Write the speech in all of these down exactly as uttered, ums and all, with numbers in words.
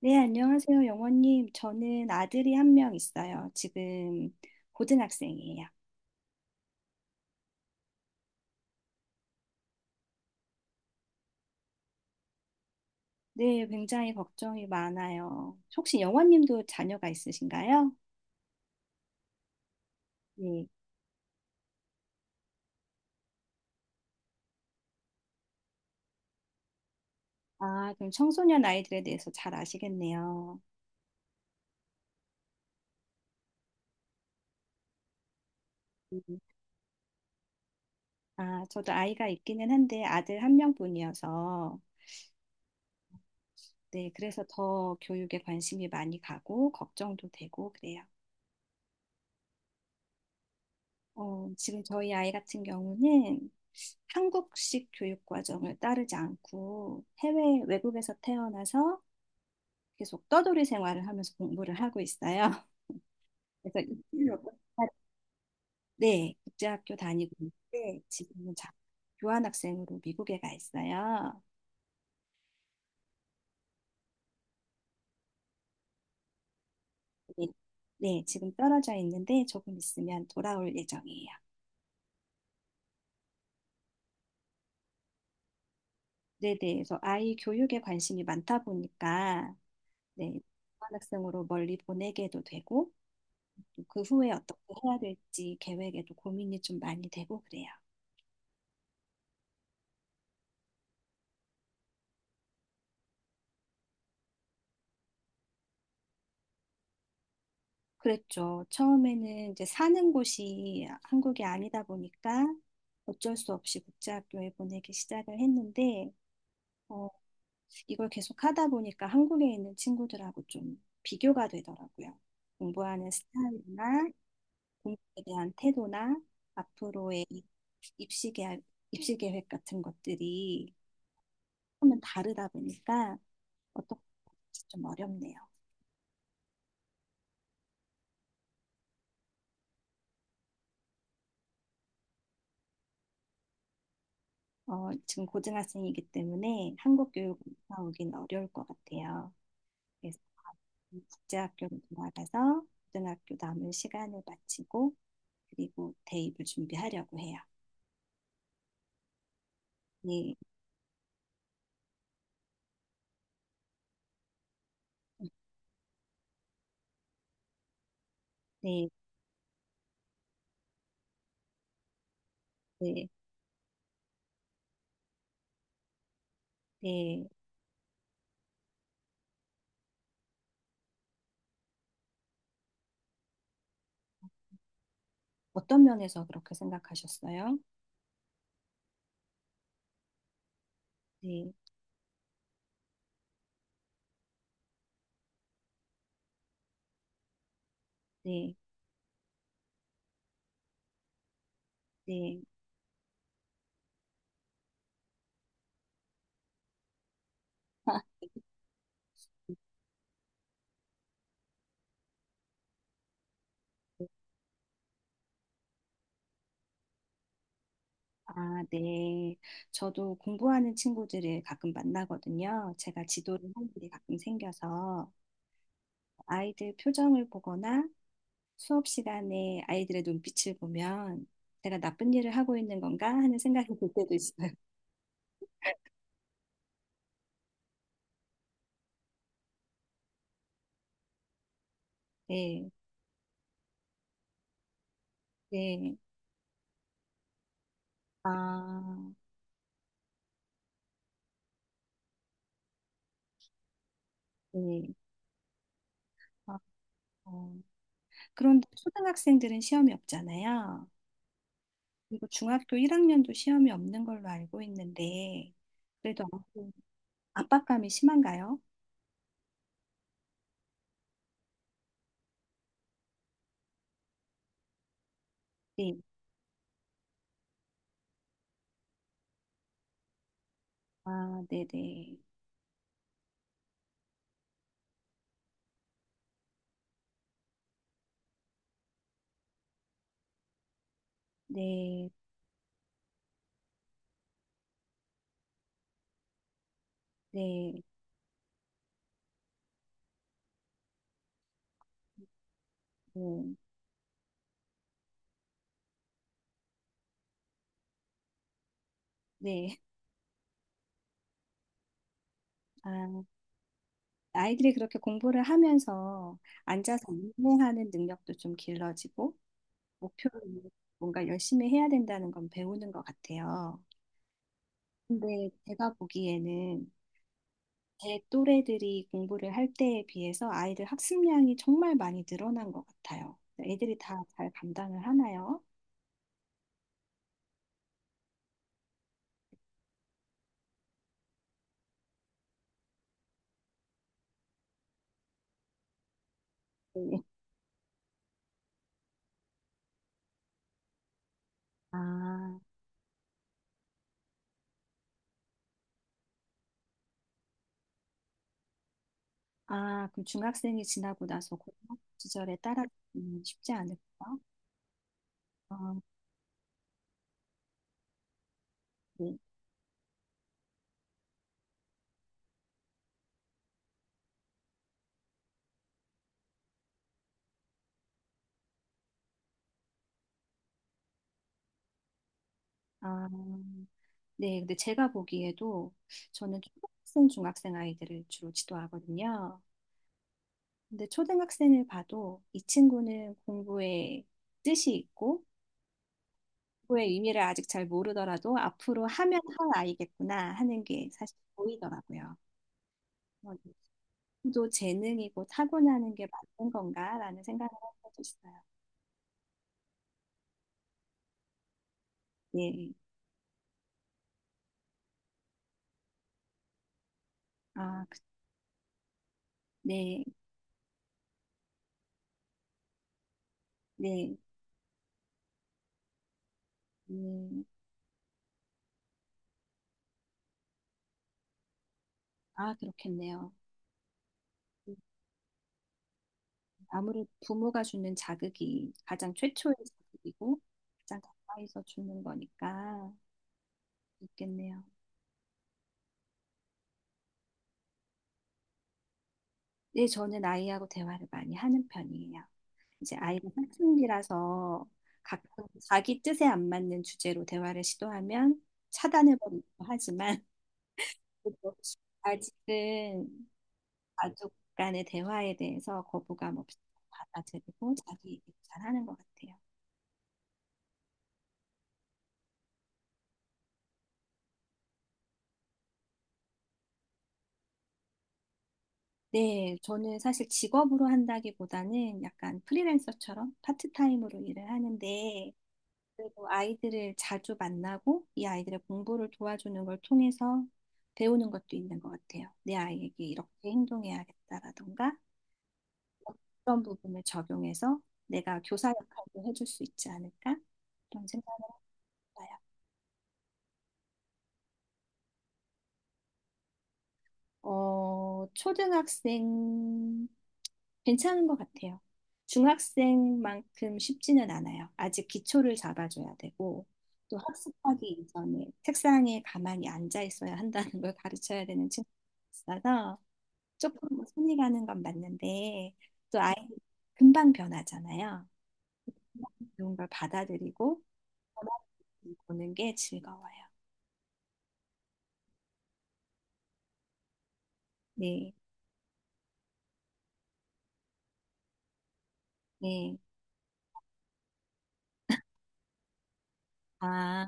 네, 안녕하세요, 영원님. 저는 아들이 한 명 있어요. 지금 고등학생이에요. 네, 굉장히 걱정이 많아요. 혹시 영원님도 자녀가 있으신가요? 네. 아, 그럼 청소년 아이들에 대해서 잘 아시겠네요. 음, 아, 저도 아이가 있기는 한데 아들 한 명뿐이어서 네, 그래서 더 교육에 관심이 많이 가고 걱정도 되고 그래요. 어, 지금 저희 아이 같은 경우는 한국식 교육 과정을 따르지 않고 해외 외국에서 태어나서 계속 떠돌이 생활을 하면서 공부를 하고 있어요. 그래서 이틀로 네, 국제학교 다니고 있는데 지금은 자- 교환학생으로 미국에 가 있어요. 네, 네, 지금 떨어져 있는데 조금 있으면 돌아올 예정이에요. 네, 네. 그래서 아이 교육에 관심이 많다 보니까 네, 교환학생으로 멀리 보내게도 되고 그 후에 어떻게 해야 될지 계획에도 고민이 좀 많이 되고 그래요. 그랬죠. 처음에는 이제 사는 곳이 한국이 아니다 보니까 어쩔 수 없이 국제학교에 보내기 시작을 했는데, 어, 이걸 계속 하다 보니까 한국에 있는 친구들하고 좀 비교가 되더라고요. 공부하는 스타일이나 공부에 대한 태도나 앞으로의 이- 입시 계획, 입시 계획 같은 것들이 조금은 다르다 보니까 어떻게 좀 어렵네요. 어, 지금 고등학생이기 때문에 한국 교육을 나오긴 어려울 것 같아요. 그래서 국제학교로 돌아가서 고등학교 남은 시간을 마치고 그리고 대입을 준비하려고 해요. 네, 네, 네, 네. 어떤 면에서 그렇게 생각하셨어요? 네, 네, 네. 아, 네. 저도 공부하는 친구들을 가끔 만나거든요. 제가 지도를 하는 일이 가끔 생겨서 아이들 표정을 보거나 수업 시간에 아이들의 눈빛을 보면 제가 나쁜 일을 하고 있는 건가 하는 생각이 들 때도 있어요. 네, 네. 아, 네. 아, 어. 그런데 초등학생들은 시험이 없잖아요. 그리고 중학교 일 학년도 시험이 없는 걸로 알고 있는데, 그래도 아 압박감이 심한가요? 네. 아, 네네. 네, 네, 네, 네. 아, 아이들이 그렇게 공부를 하면서 앉아서 인내하는 능력도 좀 길러지고, 목표를 뭔가 열심히 해야 된다는 건 배우는 것 같아요. 근데 제가 보기에는 제 또래들이 공부를 할 때에 비해서 아이들 학습량이 정말 많이 늘어난 것 같아요. 애들이 다 잘 감당을 하나요? 네. 아, 아, 그럼 중학생이 지나고 나서 고등학교 시절에 따라가기는 쉽지 않을까요? 아, 네. 아, 네. 근데 제가 보기에도 저는 초등학생, 중학생 아이들을 주로 지도하거든요. 근데 초등학생을 봐도 이 친구는 공부에 뜻이 있고 공부의 의미를 아직 잘 모르더라도 앞으로 하면 할 아이겠구나 하는 게 사실 보이더라고요. 또 재능이고 타고나는 게 맞는 건가라는 생각을 한 적도 있어요. 네, 아, 그- 네, 네, 음, 아, 그렇겠네요. 음, 아무래도 부모가 주는 자극이 가장 최초의 자극이고 가장 가까이서 주는 거니까 있겠네요. 네, 저는 아이하고 대화를 많이 하는 편이에요. 이제 아이가 사춘기라서 가끔 자기 뜻에 안 맞는 주제로 대화를 시도하면 차단해 버리기도 하지만 그래도 아직은 가족 간의 대화에 대해서 거부감 없이 받아들이고 자기 얘기를 잘 하는 것 같아요. 네, 저는 사실 직업으로 한다기보다는 약간 프리랜서처럼 파트타임으로 일을 하는데 그리고 아이들을 자주 만나고 이 아이들의 공부를 도와주는 걸 통해서 배우는 것도 있는 것 같아요. 내 아이에게 이렇게 행동해야겠다라던가 그런 부분을 적용해서 내가 교사 역할도 해줄 수 있지 않을까? 그런 생각을 했어요. 어, 초등학생 괜찮은 것 같아요. 중학생만큼 쉽지는 않아요. 아직 기초를 잡아줘야 되고, 또 학습하기 이전에 책상에 가만히 앉아 있어야 한다는 걸 가르쳐야 되는 친구가 있어서 조금 뭐 손이 가는 건 맞는데, 또 아이 금방 변하잖아요. 그런 걸 받아들이고, 변화를 보는 게 즐거워요. 네, 네. 아,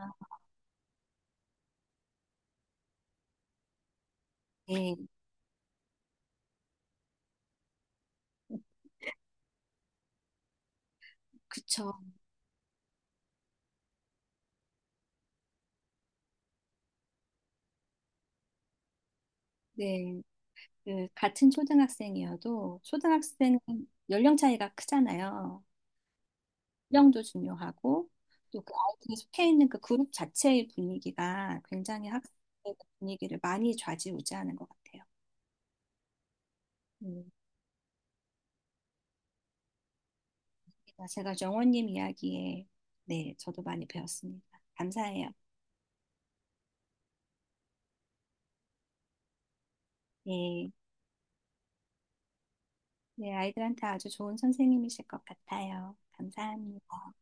네. 그쵸. 네. 그 같은 초등학생이어도 초등학생은 연령 차이가 크잖아요. 연령도 중요하고 또 그 아이들이 속해 있는 그 그룹 자체의 분위기가 굉장히 학생의 분위기를 많이 좌지우지하는 것 같아요. 음, 제가 정원님 이야기에 네, 저도 많이 배웠습니다. 감사해요. 네, 네, 아이들한테 아주 좋은 선생님이실 것 같아요. 감사합니다.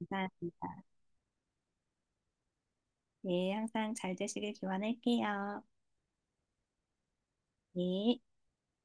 감사합니다. 네, 항상 잘 되시길 기원할게요. 네.